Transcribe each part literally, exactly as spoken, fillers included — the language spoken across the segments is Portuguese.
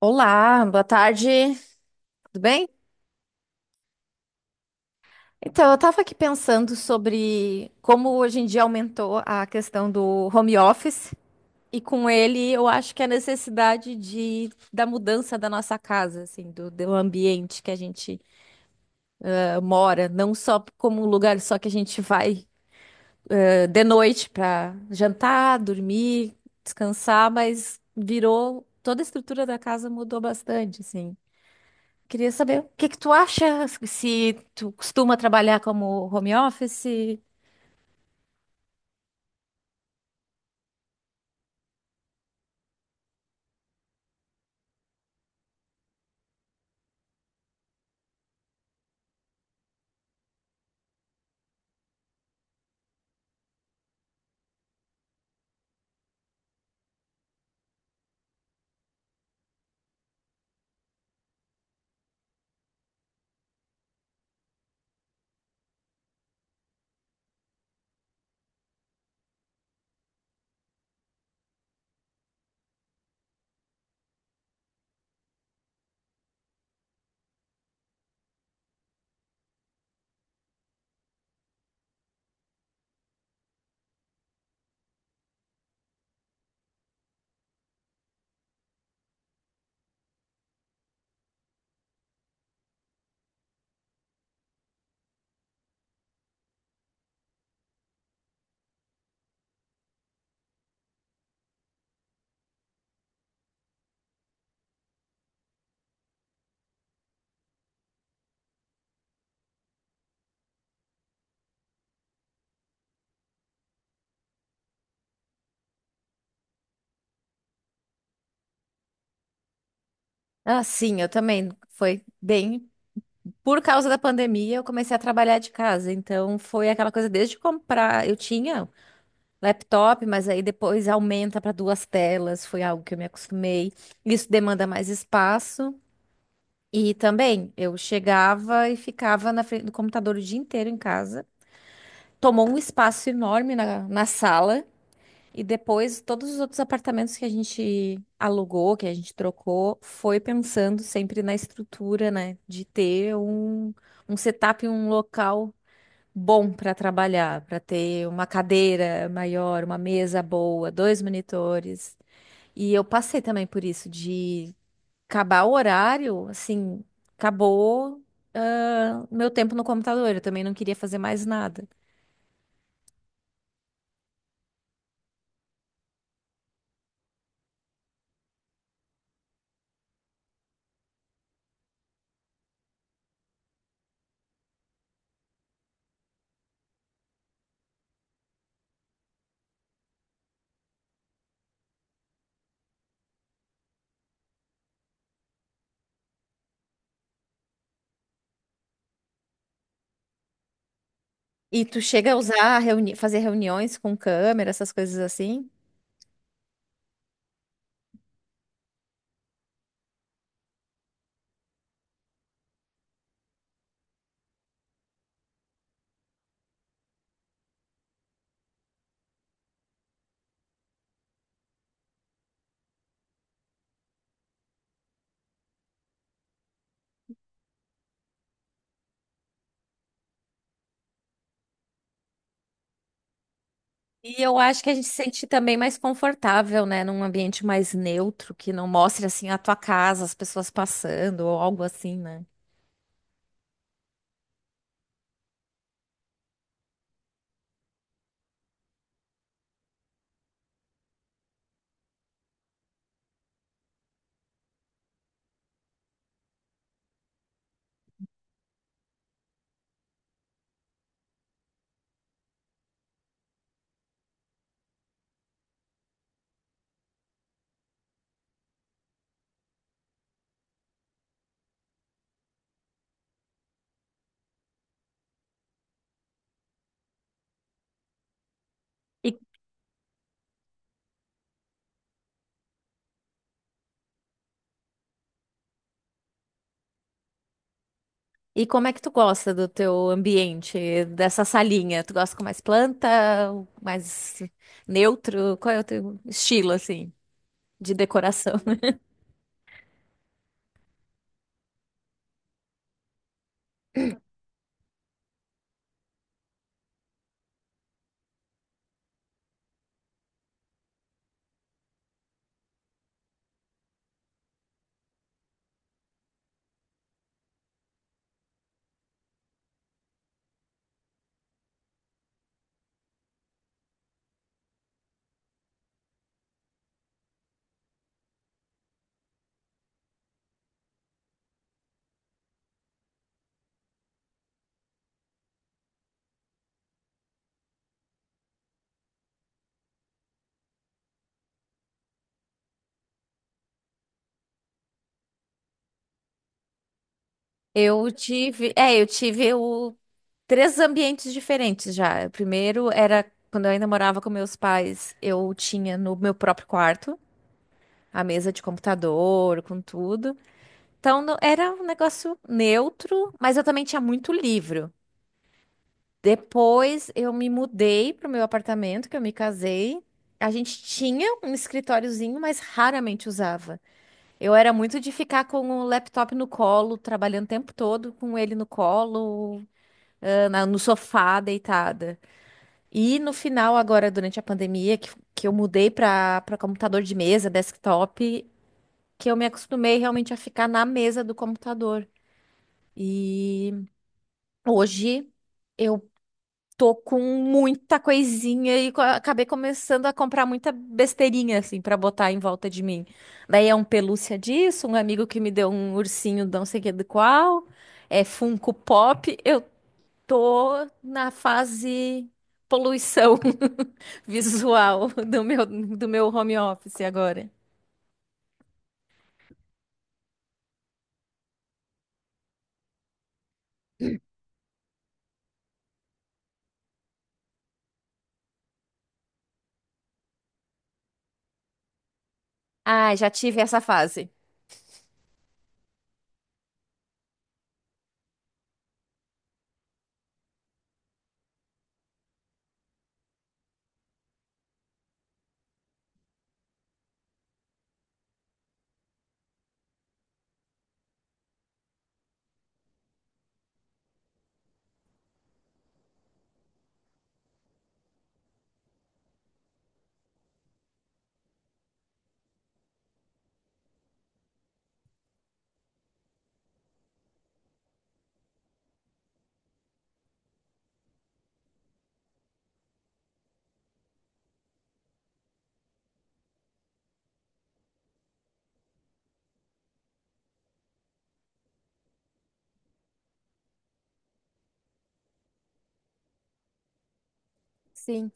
Olá, boa tarde, tudo bem? Então, eu estava aqui pensando sobre como hoje em dia aumentou a questão do home office e com ele eu acho que a necessidade de, da mudança da nossa casa, assim, do, do ambiente que a gente eh, mora, não só como um lugar só que a gente vai eh, de noite para jantar, dormir, descansar, mas virou, toda a estrutura da casa mudou bastante, assim. Queria saber o que que tu acha, se tu costuma trabalhar como home office? Ah, sim, eu também. Foi bem. Por causa da pandemia, eu comecei a trabalhar de casa. Então, foi aquela coisa desde comprar. Eu tinha laptop, mas aí depois aumenta para duas telas. Foi algo que eu me acostumei. Isso demanda mais espaço. E também, eu chegava e ficava na frente do computador o dia inteiro em casa. Tomou um espaço enorme na, na sala. E depois, todos os outros apartamentos que a gente alugou, que a gente trocou, foi pensando sempre na estrutura, né? De ter um, um setup, um local bom para trabalhar, para ter uma cadeira maior, uma mesa boa, dois monitores. E eu passei também por isso, de acabar o horário, assim, acabou, ah, meu tempo no computador, eu também não queria fazer mais nada. E tu chega a usar, reuni fazer reuniões com câmera, essas coisas assim? E eu acho que a gente se sente também mais confortável, né? Num ambiente mais neutro, que não mostre assim a tua casa, as pessoas passando ou algo assim, né? E, e como é que tu gosta do teu ambiente, dessa salinha? Tu gosta com mais planta, mais neutro? Qual é o teu estilo, assim, de decoração? Eu tive, é, eu tive o, três ambientes diferentes já. O primeiro era quando eu ainda morava com meus pais, eu tinha no meu próprio quarto. A mesa de computador, com tudo. Então não- era um negócio neutro, mas eu também tinha muito livro. Depois eu me mudei pro meu apartamento, que eu me casei. A gente tinha um escritóriozinho, mas raramente usava. Eu era muito de ficar com o laptop no colo, trabalhando o tempo todo com ele no colo, ah, na- no sofá, deitada. E no final, agora, durante a pandemia, que, que eu mudei para para computador de mesa, desktop, que eu me acostumei realmente a ficar na mesa do computador. E hoje eu tô com muita coisinha e co- acabei começando a comprar muita besteirinha assim pra botar em volta de mim. Daí é um pelúcia disso, um amigo que me deu um ursinho, não sei que do qual, é Funko Pop. Eu tô na fase poluição visual do meu do meu home office agora. Ah, já tive essa fase. Sim,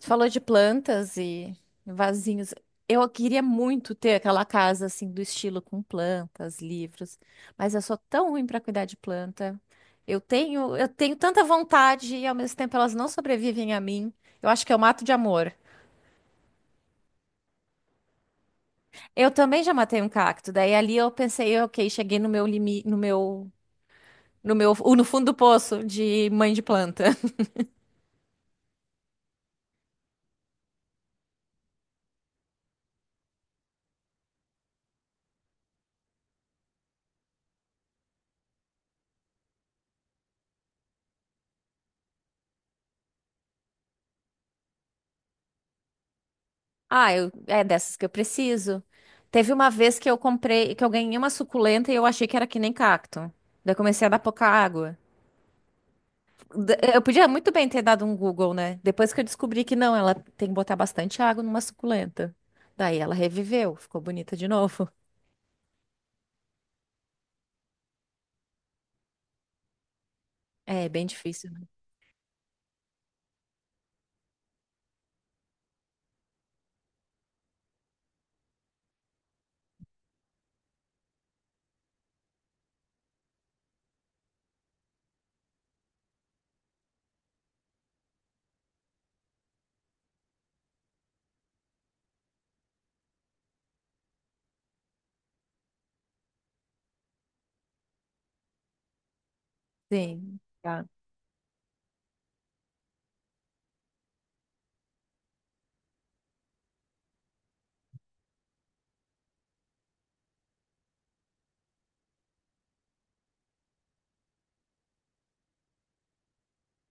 tu falou de plantas e vasinhos. Eu queria muito ter aquela casa assim do estilo com plantas, livros, mas eu sou tão ruim para cuidar de planta. Eu tenho, eu tenho tanta vontade e ao mesmo tempo elas não sobrevivem a mim. Eu acho que eu mato de amor. Eu também já matei um cacto. Daí ali eu pensei, ok, cheguei no meu limite, no meu, no meu, no fundo do poço de mãe de planta. Ah, eu, é dessas que eu preciso. Teve uma vez que eu comprei, que eu ganhei uma suculenta e eu achei que era que nem cacto. Daí eu comecei a dar pouca água. D- Eu podia muito bem ter dado um Google, né? Depois que eu descobri que não, ela tem que botar bastante água numa suculenta. Daí ela reviveu, ficou bonita de novo. É, bem difícil, né? Sim.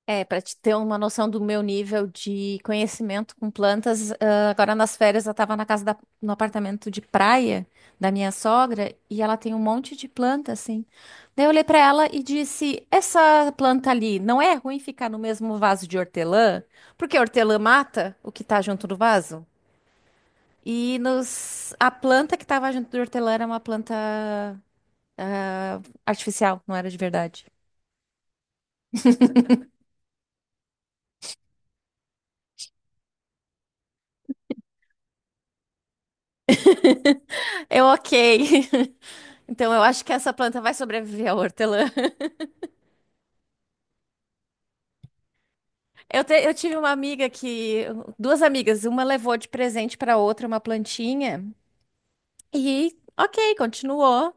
É, para te ter uma noção do meu nível de conhecimento com plantas, ah, agora nas férias eu estava na casa da, no apartamento de praia da minha sogra e ela tem um monte de planta assim. Daí eu olhei para ela e disse: "Essa planta ali não é ruim ficar no mesmo vaso de hortelã? Porque a hortelã mata o que está junto do vaso?" E nos, a planta que estava junto do hortelã era uma planta artificial, não era de verdade. Eu, ok. Então eu acho que essa planta vai sobreviver à hortelã. Eu, te- eu tive uma amiga que, duas amigas, uma levou de presente para outra uma plantinha e, ok, continuou.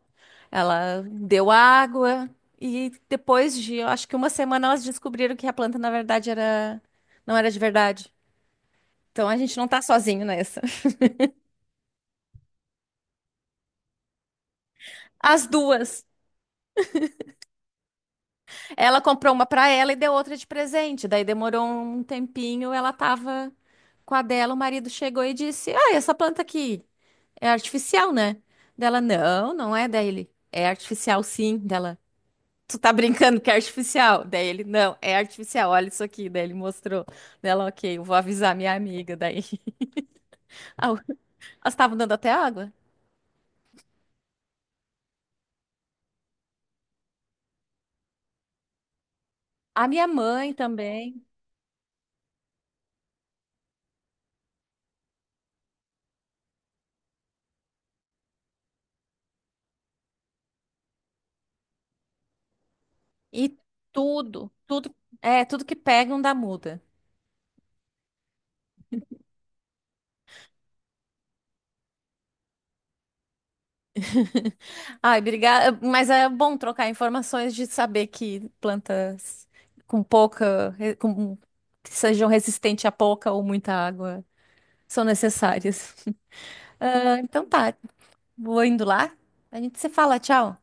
Ela deu água e depois de, eu acho que uma semana elas descobriram que a planta na verdade era, não era de verdade. Então a gente não tá sozinho nessa. As duas. Ela comprou uma pra ela e deu outra de presente. Daí demorou um tempinho, ela tava com a dela, o marido chegou e disse: Ah, essa planta aqui é artificial, né? Dela, não, não é. Daí ele, é artificial sim. Dela, tu tá brincando que é artificial? Daí ele, não, é artificial, olha isso aqui. Daí ele mostrou. Dela, ok, eu vou avisar minha amiga. Daí, Ah, elas estavam dando até água. A minha mãe também. E tudo, tudo, é, tudo que pegam dá muda. Ai, obrigada. Mas é bom trocar informações de saber que plantas com pouca, re- com, que sejam resistentes a pouca ou muita água são necessárias. Ah, então tá, vou indo lá. A gente se fala, tchau.